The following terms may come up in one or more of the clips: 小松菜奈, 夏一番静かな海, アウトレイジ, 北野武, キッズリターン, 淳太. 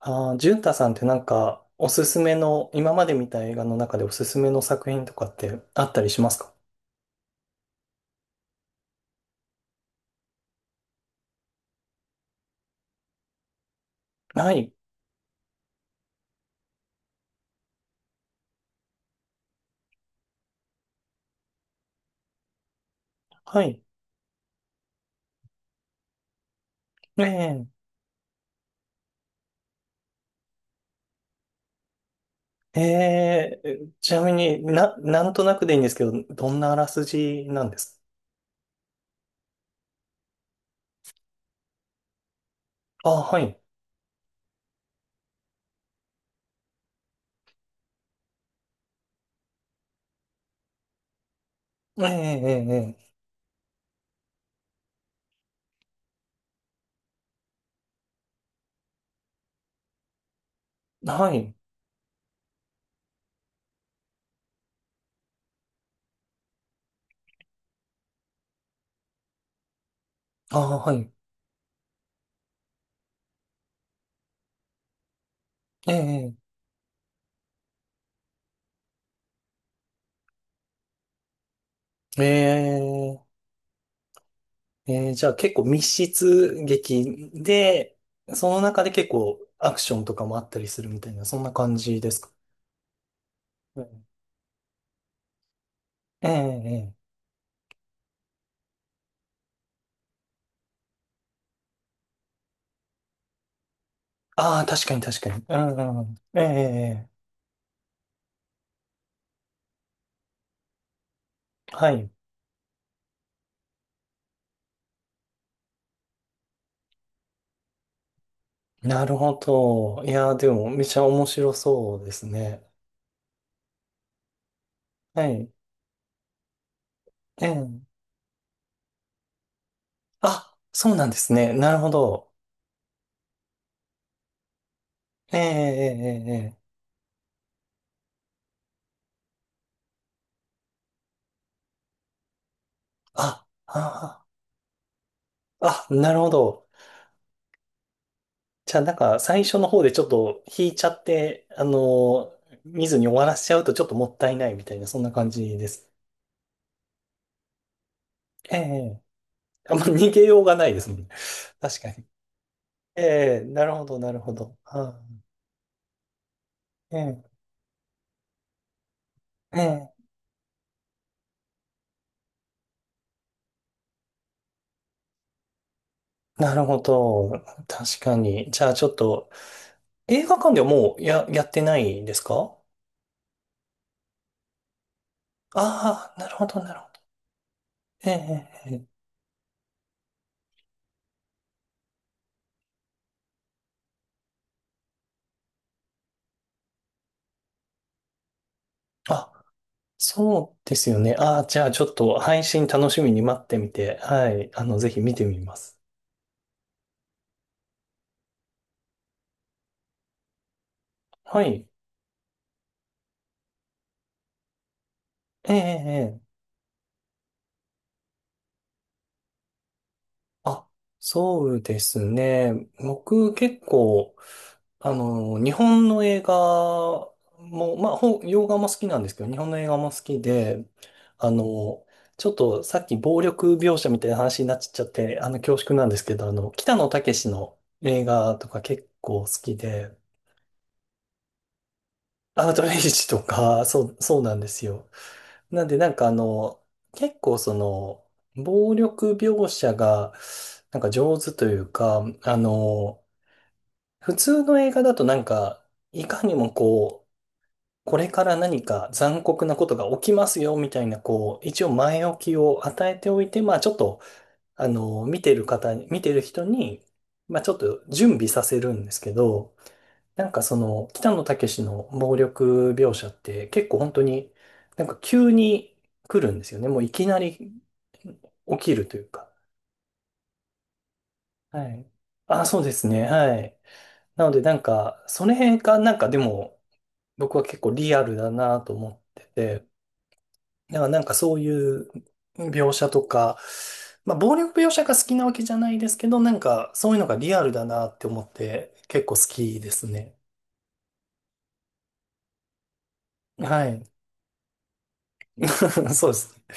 ああ、淳太さんっておすすめの、今まで見た映画の中でおすすめの作品とかってあったりしますか？はい。はい。ええ。ええ、ちなみになんとなくでいいんですけど、どんなあらすじなんですか？ああ、はい。ええ、ええ、ええ。はい。ああ、はい。ええ、ええ、ええ。じゃあ結構密室劇で、その中で結構アクションとかもあったりするみたいな、そんな感じですか？ええ、ええ、え、ああ、確かに確かに。うんうん。ええ、ええ。はい。なるほど。いやー、でも、めちゃ面白そうですね。はい。ええ。あ、そうなんですね。なるほど。ええ、ええ、ええ。ええ、あ、ああ、あ、なるほど。じゃあ、なんか、最初の方でちょっと引いちゃって、ー見ずに終わらせちゃうとちょっともったいないみたいな、そんな感じです。ええ、ええ、あんま逃げようがないですもんね。確かに。ええ、なるほど、なるほど。あー、ええ、ええ。なるほど。確かに。じゃあちょっと、映画館ではもうやってないんですか？ああー、なるほど、なるほど。え、ええ、ええ、え、あ、そうですよね。ああ、じゃあちょっと配信楽しみに待ってみて、はい。あの、ぜひ見てみます。はい。ええ、ええ。ええ、あ、そうですね。僕結構、あの、日本の映画も、まあ、洋画も好きなんですけど、日本の映画も好きで、あの、ちょっとさっき暴力描写みたいな話になっちゃって、あの、恐縮なんですけど、あの、北野武の映画とか結構好きで、アウトレイジとか、そう、そうなんですよ。なんかあの、結構その、暴力描写が、なんか上手というか、あの、普通の映画だとなんか、いかにもこう、これから何か残酷なことが起きますよ、みたいな、こう、一応前置きを与えておいて、まあちょっと、あの、見てる人に、まあちょっと準備させるんですけど、なんかその、北野武の暴力描写って結構本当になんか急に来るんですよね。もういきなり起きるというか。はい。あ、そうですね。はい。なのでなんか、それがなんかでも僕は結構リアルだなと思ってて、だからなんかそういう描写とか、まあ暴力描写が好きなわけじゃないですけど、なんかそういうのがリアルだなって思って結構好きですね。はい。そうですね。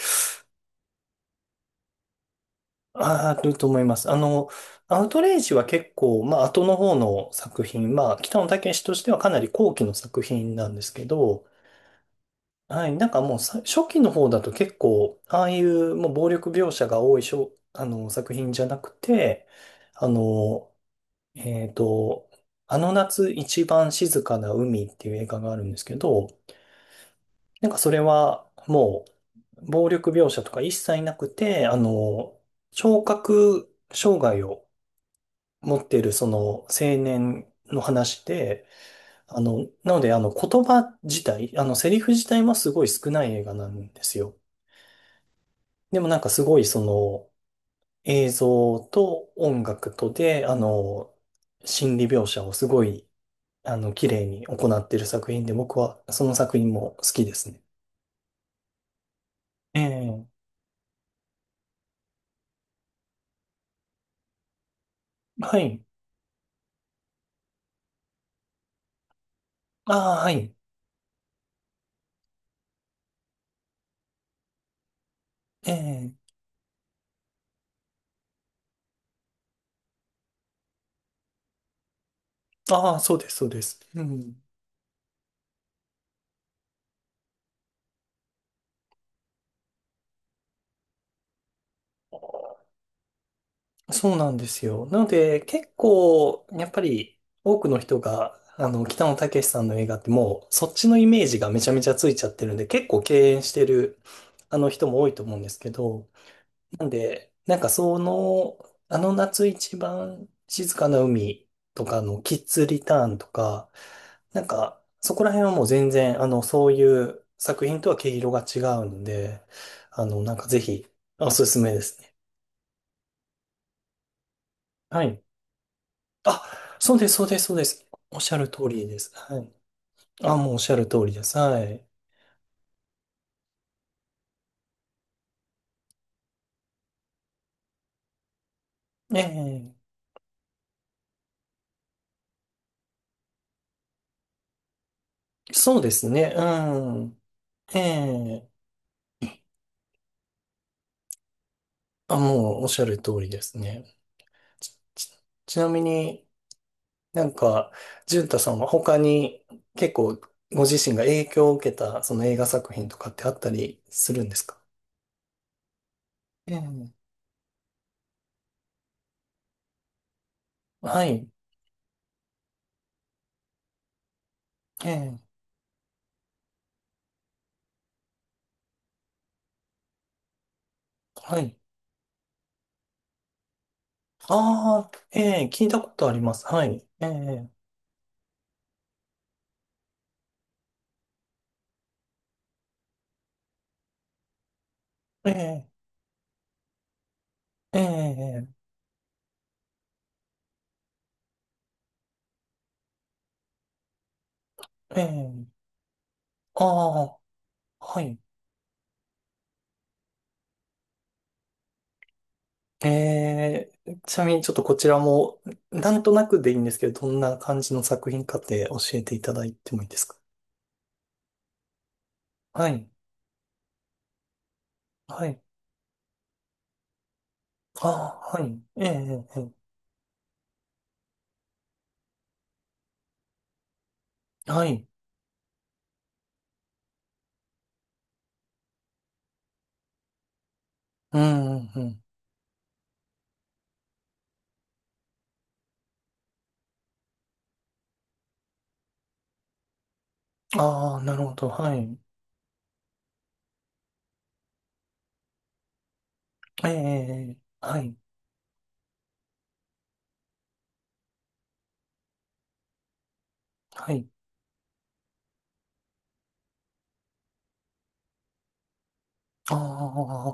あ、あると思います。あの、アウトレイジは結構、まあ後の方の作品、まあ北野武としてはかなり後期の作品なんですけど、はい、なんかもう初期の方だと結構、ああいうもう暴力描写が多いあの作品じゃなくて、あの、えっと、あの夏一番静かな海っていう映画があるんですけど、なんかそれはもう暴力描写とか一切なくて、あの、聴覚障害を持っているその青年の話で、あの、なのであの言葉自体、あのセリフ自体もすごい少ない映画なんですよ。でもなんかすごいその映像と音楽とで、あの、心理描写をすごいあの、綺麗に行っている作品で、僕はその作品も好きですね。ええ、はい。ああ、はい。ええ、ああ、そうです、そうです。うん。そうなんですよ。なので、結構、やっぱり、多くの人が、あの、北野武さんの映画ってもう、そっちのイメージがめちゃめちゃついちゃってるんで、結構敬遠してる、あの人も多いと思うんですけど、なんかその、あの夏一番静かな海とかのキッズリターンとか、なんかそこら辺はもう全然、あの、そういう作品とは毛色が違うので、あの、なんかぜひ、おすすめですね。はい。あ、そうです、そうです、そうです。おっしゃる通りです。はい。あ、もうおっしゃる通りです。はい。ええ、そうですね。うん。ええ、あ、もうおっしゃる通りですね。ち、ちなみに、なんか、淳太さんは他に結構ご自身が影響を受けたその映画作品とかってあったりするんですか？ええ、はい。ええ、はい。ああ、ええ聞いたことあります。はい。ええ、ええ、ええ、ええ、ああ、はい。ええ、ちなみにちょっとこちらも、なんとなくでいいんですけど、どんな感じの作品かって教えていただいてもいいですか？はい。はい。ああ、はい。ええ、ええ、はい。うんうんうん。ああ、なるほど。はい。ええ、ええ、はい。はい。あ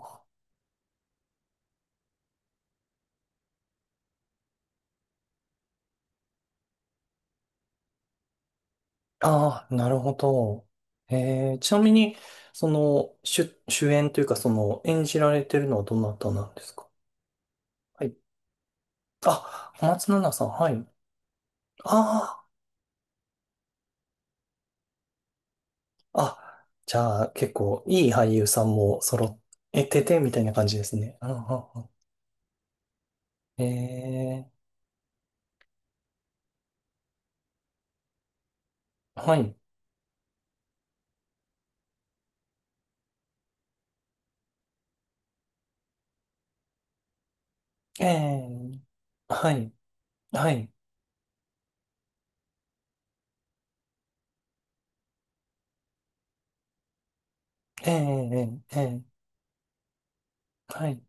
あ、ああ、なるほど。ええ、ちなみに、その、主演というか、その、演じられてるのはどなたなんですか？はい。あ、小松菜奈さん。はい。ああ、あ、じゃあ、結構、いい俳優さんも揃えてて、みたいな感じですね。うんうんうん。ええ、はい。ええ、はい。はい。ええ、ええ、ええ。はい。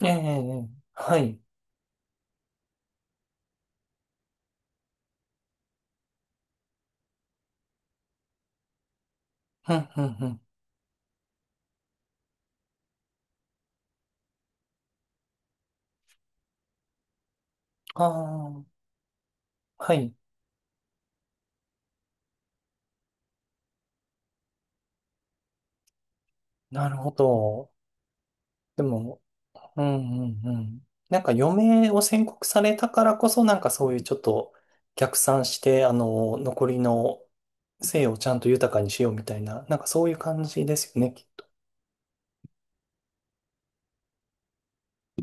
ええ、ええ、はい。うん、うん、うん。ああ、はい。なるほど。でも、うん、うん、うん。なんか余命を宣告されたからこそ、なんかそういうちょっと逆算して、あの、残りの生をちゃんと豊かにしようみたいな、なんかそういう感じですよね。